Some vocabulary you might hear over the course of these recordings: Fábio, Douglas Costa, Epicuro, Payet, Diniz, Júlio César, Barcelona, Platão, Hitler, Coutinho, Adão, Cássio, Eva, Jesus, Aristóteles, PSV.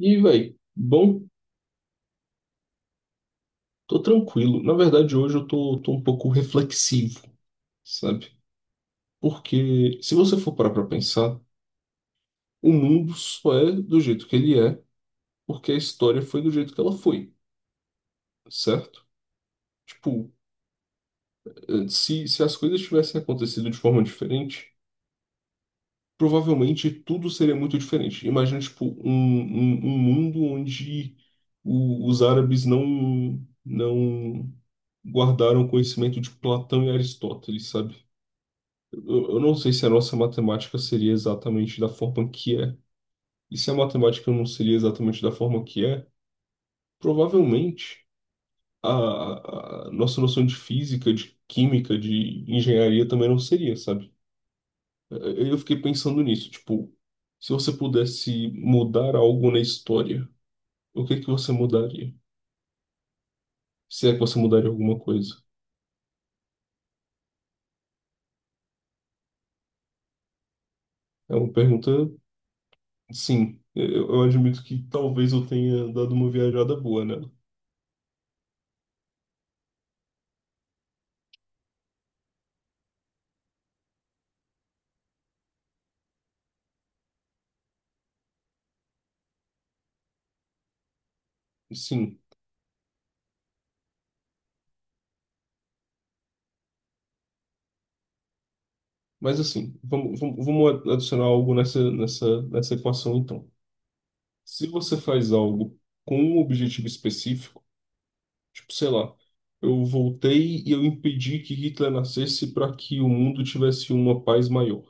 E, velho, bom, tô tranquilo. Na verdade, hoje eu tô um pouco reflexivo, sabe? Porque se você for parar pra pensar, o mundo só é do jeito que ele é, porque a história foi do jeito que ela foi, certo? Tipo, se as coisas tivessem acontecido de forma diferente, provavelmente tudo seria muito diferente. Imagina, tipo, um mundo onde os árabes não guardaram conhecimento de Platão e Aristóteles, sabe? Eu não sei se a nossa matemática seria exatamente da forma que é. E se a matemática não seria exatamente da forma que é, provavelmente a nossa noção de física, de química, de engenharia também não seria, sabe? Eu fiquei pensando nisso, tipo, se você pudesse mudar algo na história, o que é que você mudaria? Se é que você mudaria alguma coisa? É uma pergunta, sim. É, eu admito que talvez eu tenha dado uma viajada boa nela. Sim. Mas assim, vamos adicionar algo nessa equação então. Se você faz algo com um objetivo específico, tipo, sei lá, eu voltei e eu impedi que Hitler nascesse para que o mundo tivesse uma paz maior.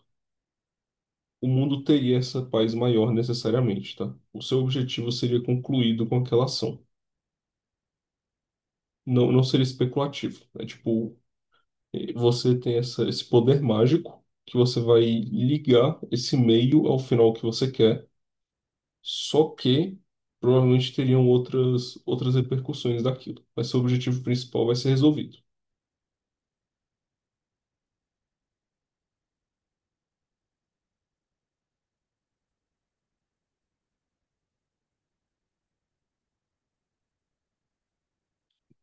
O mundo teria essa paz maior necessariamente, tá? O seu objetivo seria concluído com aquela ação. Não seria especulativo. É tipo, você tem esse poder mágico que você vai ligar esse meio ao final que você quer. Só que provavelmente teriam outras repercussões daquilo. Mas seu objetivo principal vai ser resolvido.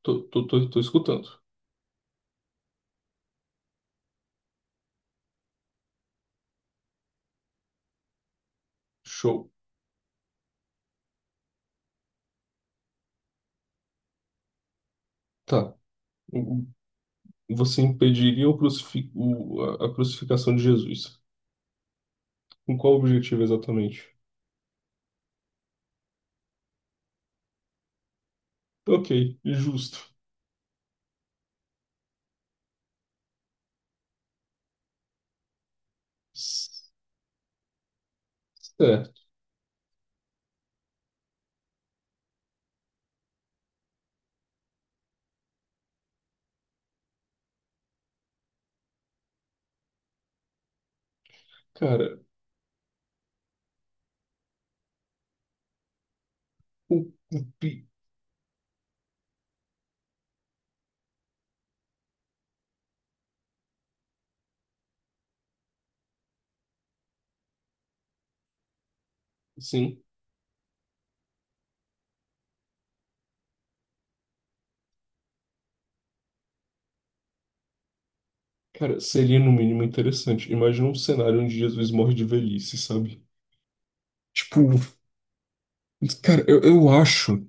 Tô escutando. Show. Tá. O- Você impediria o a crucificação de Jesus. Com qual objetivo exatamente? Ok, justo. S- Certo. Cara, o, o pi- sim. Cara, seria no mínimo interessante. Imagina um cenário onde Jesus morre de velhice, sabe? Tipo, cara, eu acho.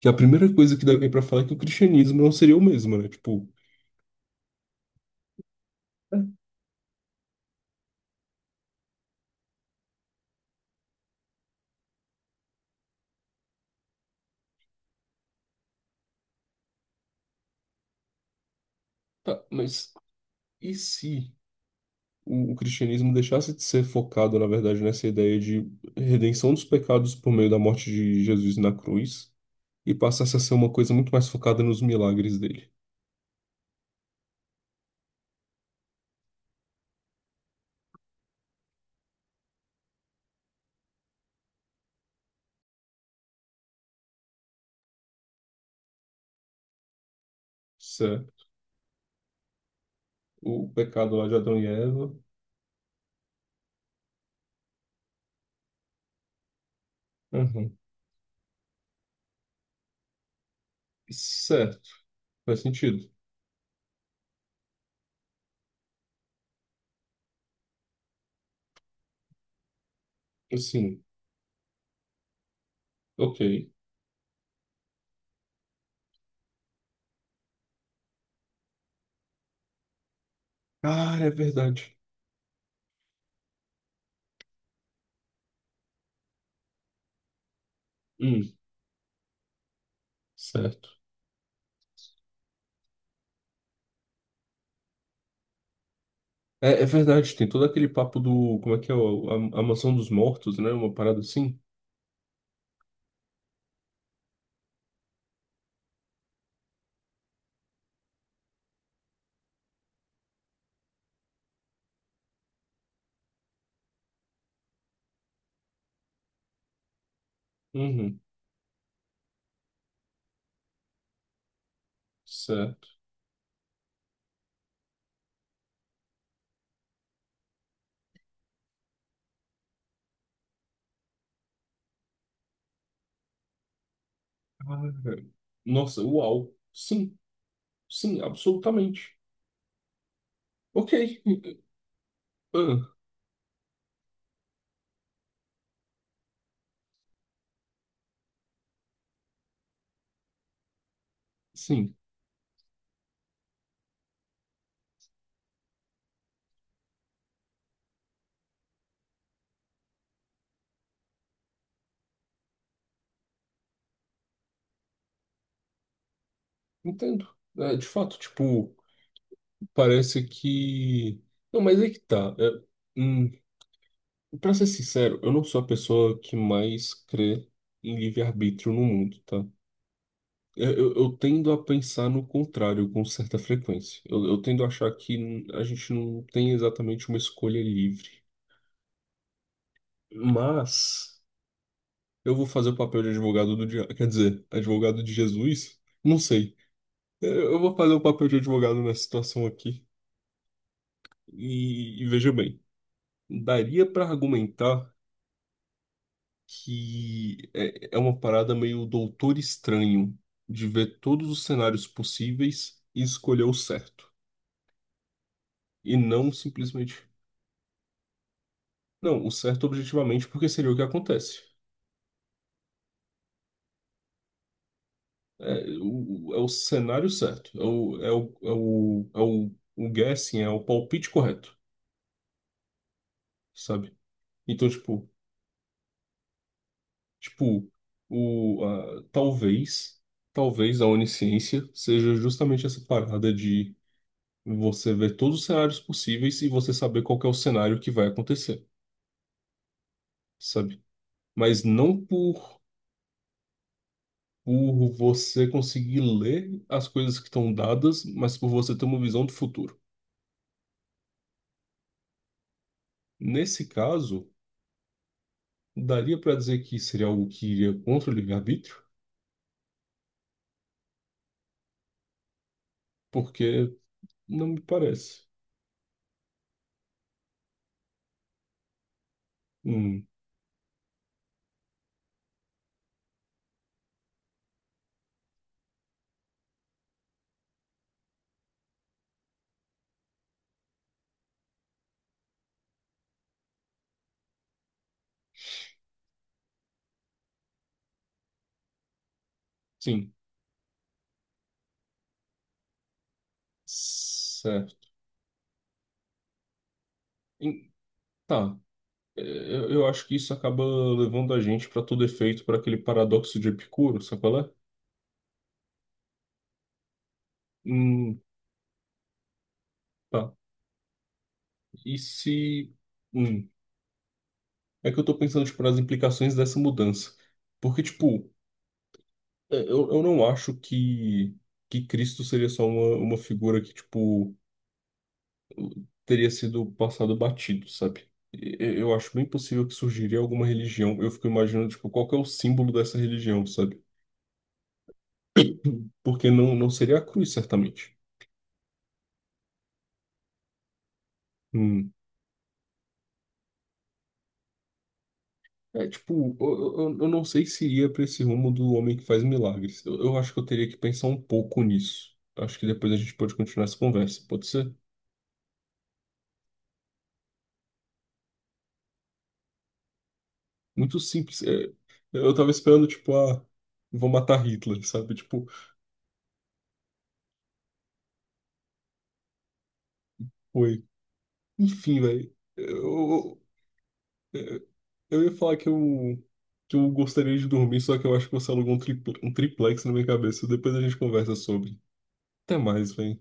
Que a primeira coisa que deve vir pra falar é que o cristianismo não seria o mesmo, né? Tipo, tá, mas e se o cristianismo deixasse de ser focado, na verdade, nessa ideia de redenção dos pecados por meio da morte de Jesus na cruz e passasse a ser uma coisa muito mais focada nos milagres dele? Certo. O pecado lá de Adão e Eva. Uhum. Certo. Faz sentido. Assim, ok. Cara, é verdade. Hum, certo. É, é verdade, tem todo aquele papo do. Como é que é? A mansão dos mortos, né? Uma parada assim? Uhum, certo. Ah, nossa, uau. Sim, sim, absolutamente. Ok. Ah, sim, entendo. É, de fato, tipo, parece que. Não, mas é que tá. É, hum, pra ser sincero, eu não sou a pessoa que mais crê em livre-arbítrio no mundo, tá? Eu tendo a pensar no contrário com certa frequência. Eu tendo a achar que a gente não tem exatamente uma escolha livre. Mas eu vou fazer o papel de advogado do diabo. Quer dizer, advogado de Jesus? Não sei. Eu vou fazer o papel de advogado nessa situação aqui. E veja bem, daria para argumentar que é uma parada meio doutor estranho de ver todos os cenários possíveis e escolher o certo. E não simplesmente. Não, o certo objetivamente, porque seria o que acontece. É o cenário certo, o guessing, é o palpite correto, sabe? Então, tipo, tipo talvez, talvez a onisciência seja justamente essa parada de você ver todos os cenários possíveis e você saber qual que é o cenário que vai acontecer, sabe? Mas não por você conseguir ler as coisas que estão dadas, mas por você ter uma visão do futuro. Nesse caso, daria para dizer que seria algo que iria contra o livre-arbítrio? Porque não me parece. Hum, sim, certo. Em- tá. É, eu acho que isso acaba levando a gente para todo efeito para aquele paradoxo de Epicuro, sabe qual é? Hum, tá. E se. Hum, é que eu tô pensando, tipo, nas implicações dessa mudança. Porque, tipo, é, eu não acho que Cristo seria só uma figura que, tipo, teria sido passado batido, sabe? Eu acho bem possível que surgiria alguma religião. Eu fico imaginando, tipo, qual que é o símbolo dessa religião, sabe? Porque não seria a cruz, certamente. Hum. É, tipo, eu não sei se iria para esse rumo do homem que faz milagres. Eu acho que eu teria que pensar um pouco nisso. Acho que depois a gente pode continuar essa conversa. Pode ser? Muito simples. É, eu tava esperando, tipo, ah, vou matar Hitler, sabe? Tipo, oi. Enfim, velho. Eu ia falar que que eu gostaria de dormir, só que eu acho que você alugou um um triplex na minha cabeça. Depois a gente conversa sobre. Até mais, velho.